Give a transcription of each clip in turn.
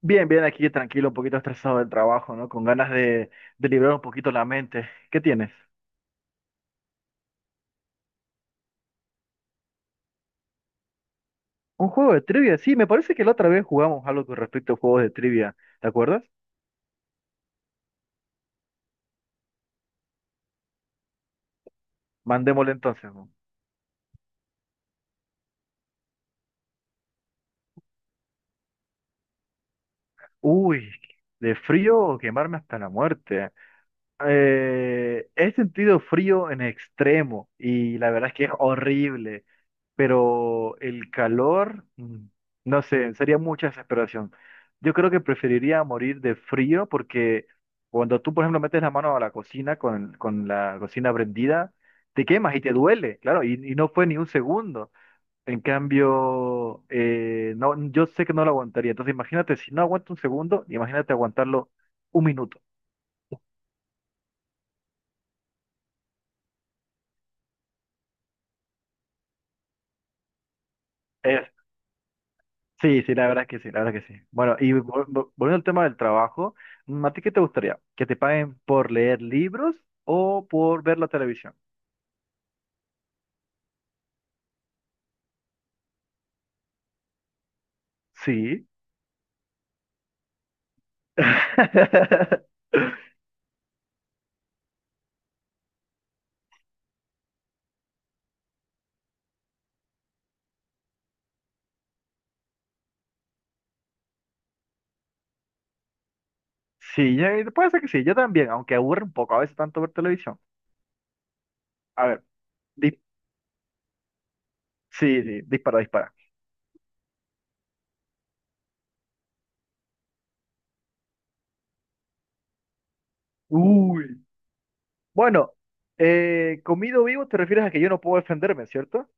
Bien, bien, aquí tranquilo, un poquito estresado del trabajo, ¿no? Con ganas de liberar un poquito la mente. ¿Qué tienes? ¿Un juego de trivia? Sí, me parece que la otra vez jugamos algo con respecto a juegos de trivia, ¿te acuerdas? Mandémosle entonces. ¿No? Uy, de frío o quemarme hasta la muerte. He sentido frío en extremo y la verdad es que es horrible, pero el calor, no sé, sería mucha desesperación. Yo creo que preferiría morir de frío porque cuando tú, por ejemplo, metes la mano a la cocina con la cocina prendida, te quemas y te duele, claro, y no fue ni un segundo. En cambio, no, yo sé que no lo aguantaría. Entonces, imagínate, si no aguanto un segundo, imagínate aguantarlo un minuto. Sí, sí, la verdad es que sí, la verdad es que sí. Bueno, y volviendo al tema del trabajo, ¿a ti qué te gustaría? ¿Que te paguen por leer libros o por ver la televisión? Sí. Sí, puede ser que sí, yo también, aunque aburre un poco a veces tanto ver televisión. A ver, di- sí, sí, dispara, dispara. Uy. Bueno, comido vivo te refieres a que yo no puedo defenderme, ¿cierto?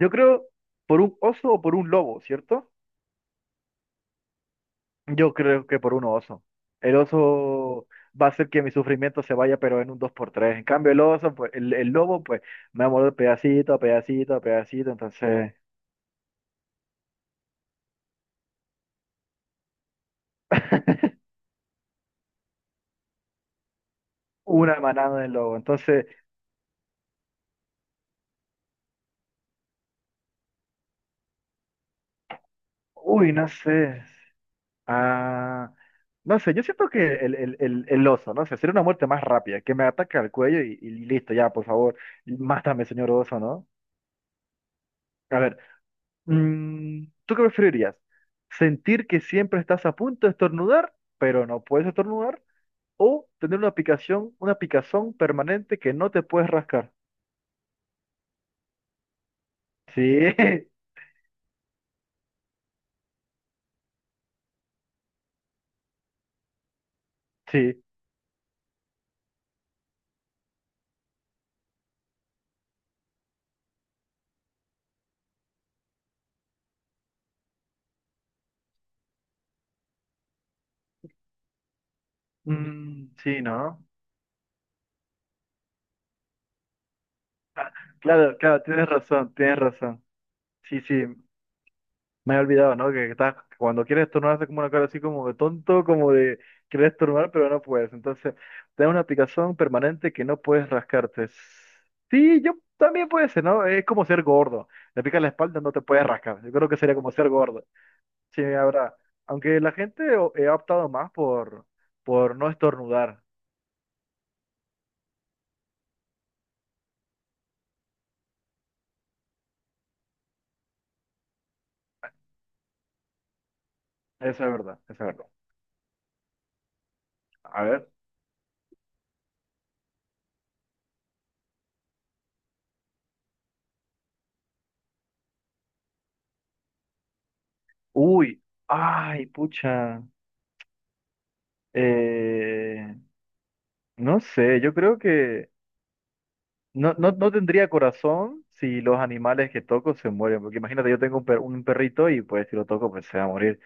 Yo creo por un oso o por un lobo, ¿cierto? Yo creo que por un oso. El oso va a hacer que mi sufrimiento se vaya, pero en un dos por tres. En cambio, el oso, pues, el lobo, pues, me va a morder pedacito a pedacito a pedacito. Entonces, una manada del lobo. Entonces, uy, no sé. Ah, no sé, yo siento que el oso, no sé, sería una muerte más rápida, que me ataque al cuello y listo, ya, por favor, mátame, señor oso, ¿no? A ver, ¿tú qué preferirías? ¿Sentir que siempre estás a punto de estornudar, pero no puedes estornudar? ¿O tener una picación, una picazón permanente que no te puedes rascar? Sí, sí. Mm, sí, ¿no? Claro, claro, tienes razón, tienes razón. Sí, sí, me he olvidado, ¿no? Que estás, cuando quieres estornudar haces como una cara así como de tonto, como de quieres estornudar, pero no puedes. Entonces, tener una picazón permanente que no puedes rascarte. Sí, yo también puede ser, ¿no? Es como ser gordo. Te pica la espalda, no te puedes rascar. Yo creo que sería como ser gordo. Sí, ahora, aunque la gente ha optado más por no estornudar, eso es verdad, eso es verdad. A ver, uy, ay, pucha, eh, no sé, yo creo que no, no, no tendría corazón si los animales que toco se mueren, porque imagínate, yo tengo un, un perrito y pues si lo toco pues se va a morir.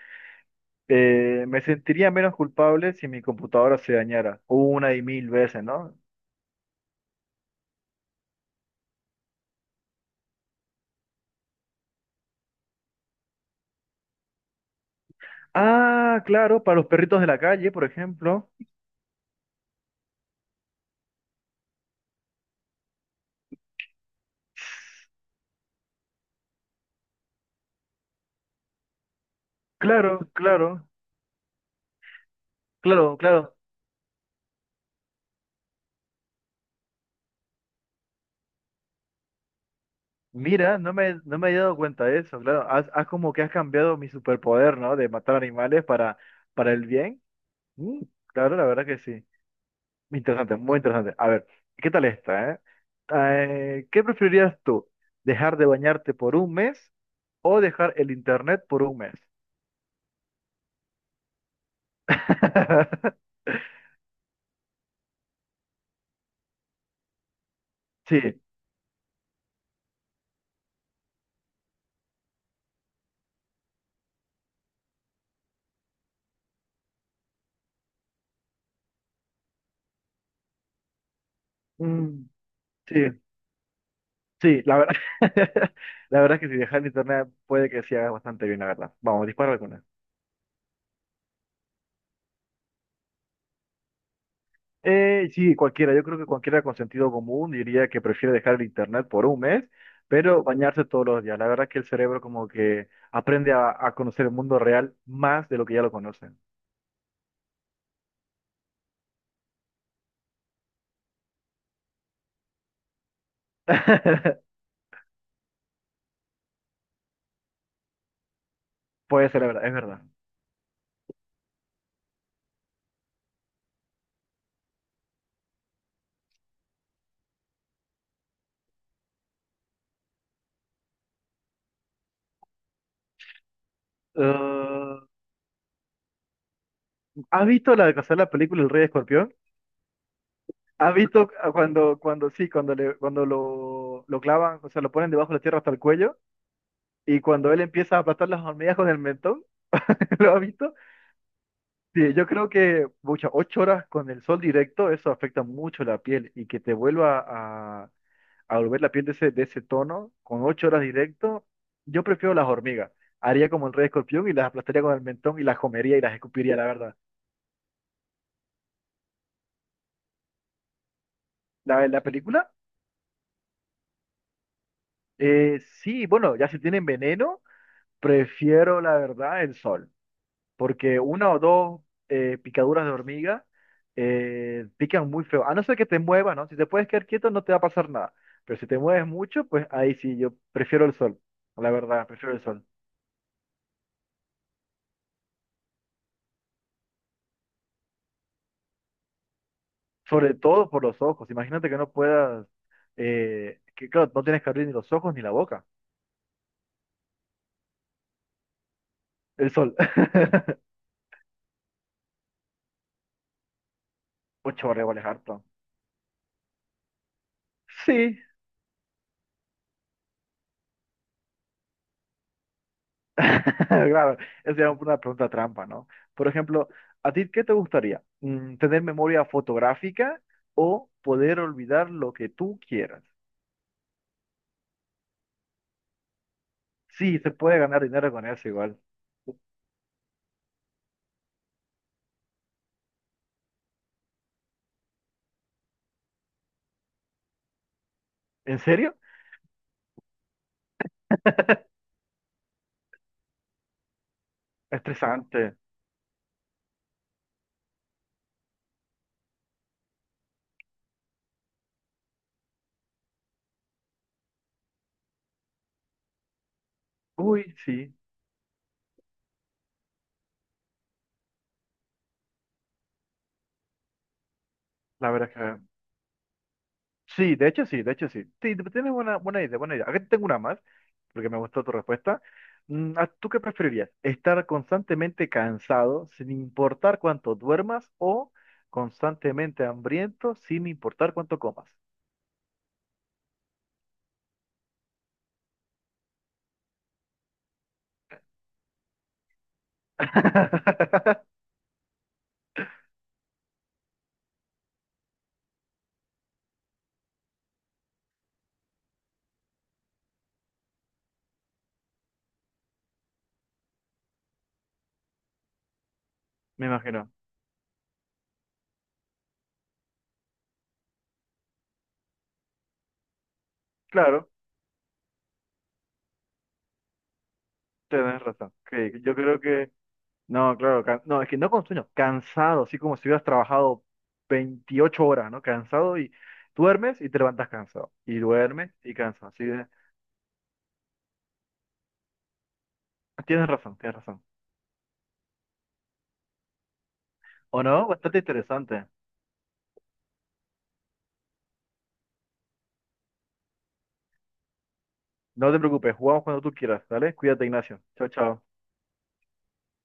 Me sentiría menos culpable si mi computadora se dañara, una y mil veces, ¿no? Ah, claro, para los perritos de la calle, por ejemplo. Claro, claro, claro, claro. Mira, no me había dado cuenta de eso, claro. Has, has como que has cambiado mi superpoder, ¿no? De matar animales para el bien. Mm, claro, la verdad que sí. Interesante, muy interesante. A ver, ¿qué tal esta, eh? Ah, ¿qué preferirías tú? ¿Dejar de bañarte por un mes o dejar el internet por un mes? Sí, mm, sí, sí, la verdad, la verdad es que si dejar el internet puede que sí hagas bastante bien, la verdad. Vamos, dispara alguna. Sí, cualquiera. Yo creo que cualquiera con sentido común diría que prefiere dejar el internet por un mes, pero bañarse todos los días. La verdad que el cerebro como que aprende a conocer el mundo real más de lo que ya lo conocen. Puede ser, la verdad, es verdad. Ah, ¿has visto la de casualidad la película El Rey Escorpión? ¿Has visto cuando, cuando sí, cuando le, cuando lo clavan, o sea, lo ponen debajo de la tierra hasta el cuello y cuando él empieza a aplastar las hormigas con el mentón? ¿Lo has visto? Sí, yo creo que muchas ocho horas con el sol directo, eso afecta mucho la piel y que te vuelva a, a volver la piel de ese tono con ocho horas directo, yo prefiero las hormigas. Haría como el Rey Escorpión y las aplastaría con el mentón y las comería y las escupiría, la verdad. La película, sí, bueno, ya si tienen veneno, prefiero la verdad el sol. Porque una o dos picaduras de hormiga pican muy feo. A no ser que te muevas, ¿no? Si te puedes quedar quieto, no te va a pasar nada. Pero si te mueves mucho, pues ahí sí, yo prefiero el sol. La verdad, prefiero el sol. Sobre todo por los ojos. Imagínate que no puedas, que claro, no tienes que abrir ni los ojos ni la boca. El sol. Ocho vale, vale, harto. Sí, claro, esa es una pregunta trampa, ¿no? Por ejemplo, ¿a ti qué te gustaría? ¿Tener memoria fotográfica o poder olvidar lo que tú quieras? Sí, se puede ganar dinero con eso igual. ¿En serio? Estresante. Uy, sí, la verdad es que... Sí, de hecho sí, de hecho sí. Sí, tienes buena, buena idea, buena idea. Aquí tengo una más. Porque me gustó tu respuesta. ¿Tú qué preferirías? ¿Estar constantemente cansado sin importar cuánto duermas o constantemente hambriento sin importar cuánto comas? Me imagino. Claro, tenés razón. Que yo creo que... No, claro, no, es que no con sueño, cansado, así como si hubieras trabajado 28 horas, ¿no? Cansado y duermes y te levantas cansado. Y duermes y cansado. Así de... Tienes razón, tienes razón. ¿O no? Bastante interesante. No te preocupes, jugamos cuando tú quieras, ¿vale? Cuídate, Ignacio. Chao, chao.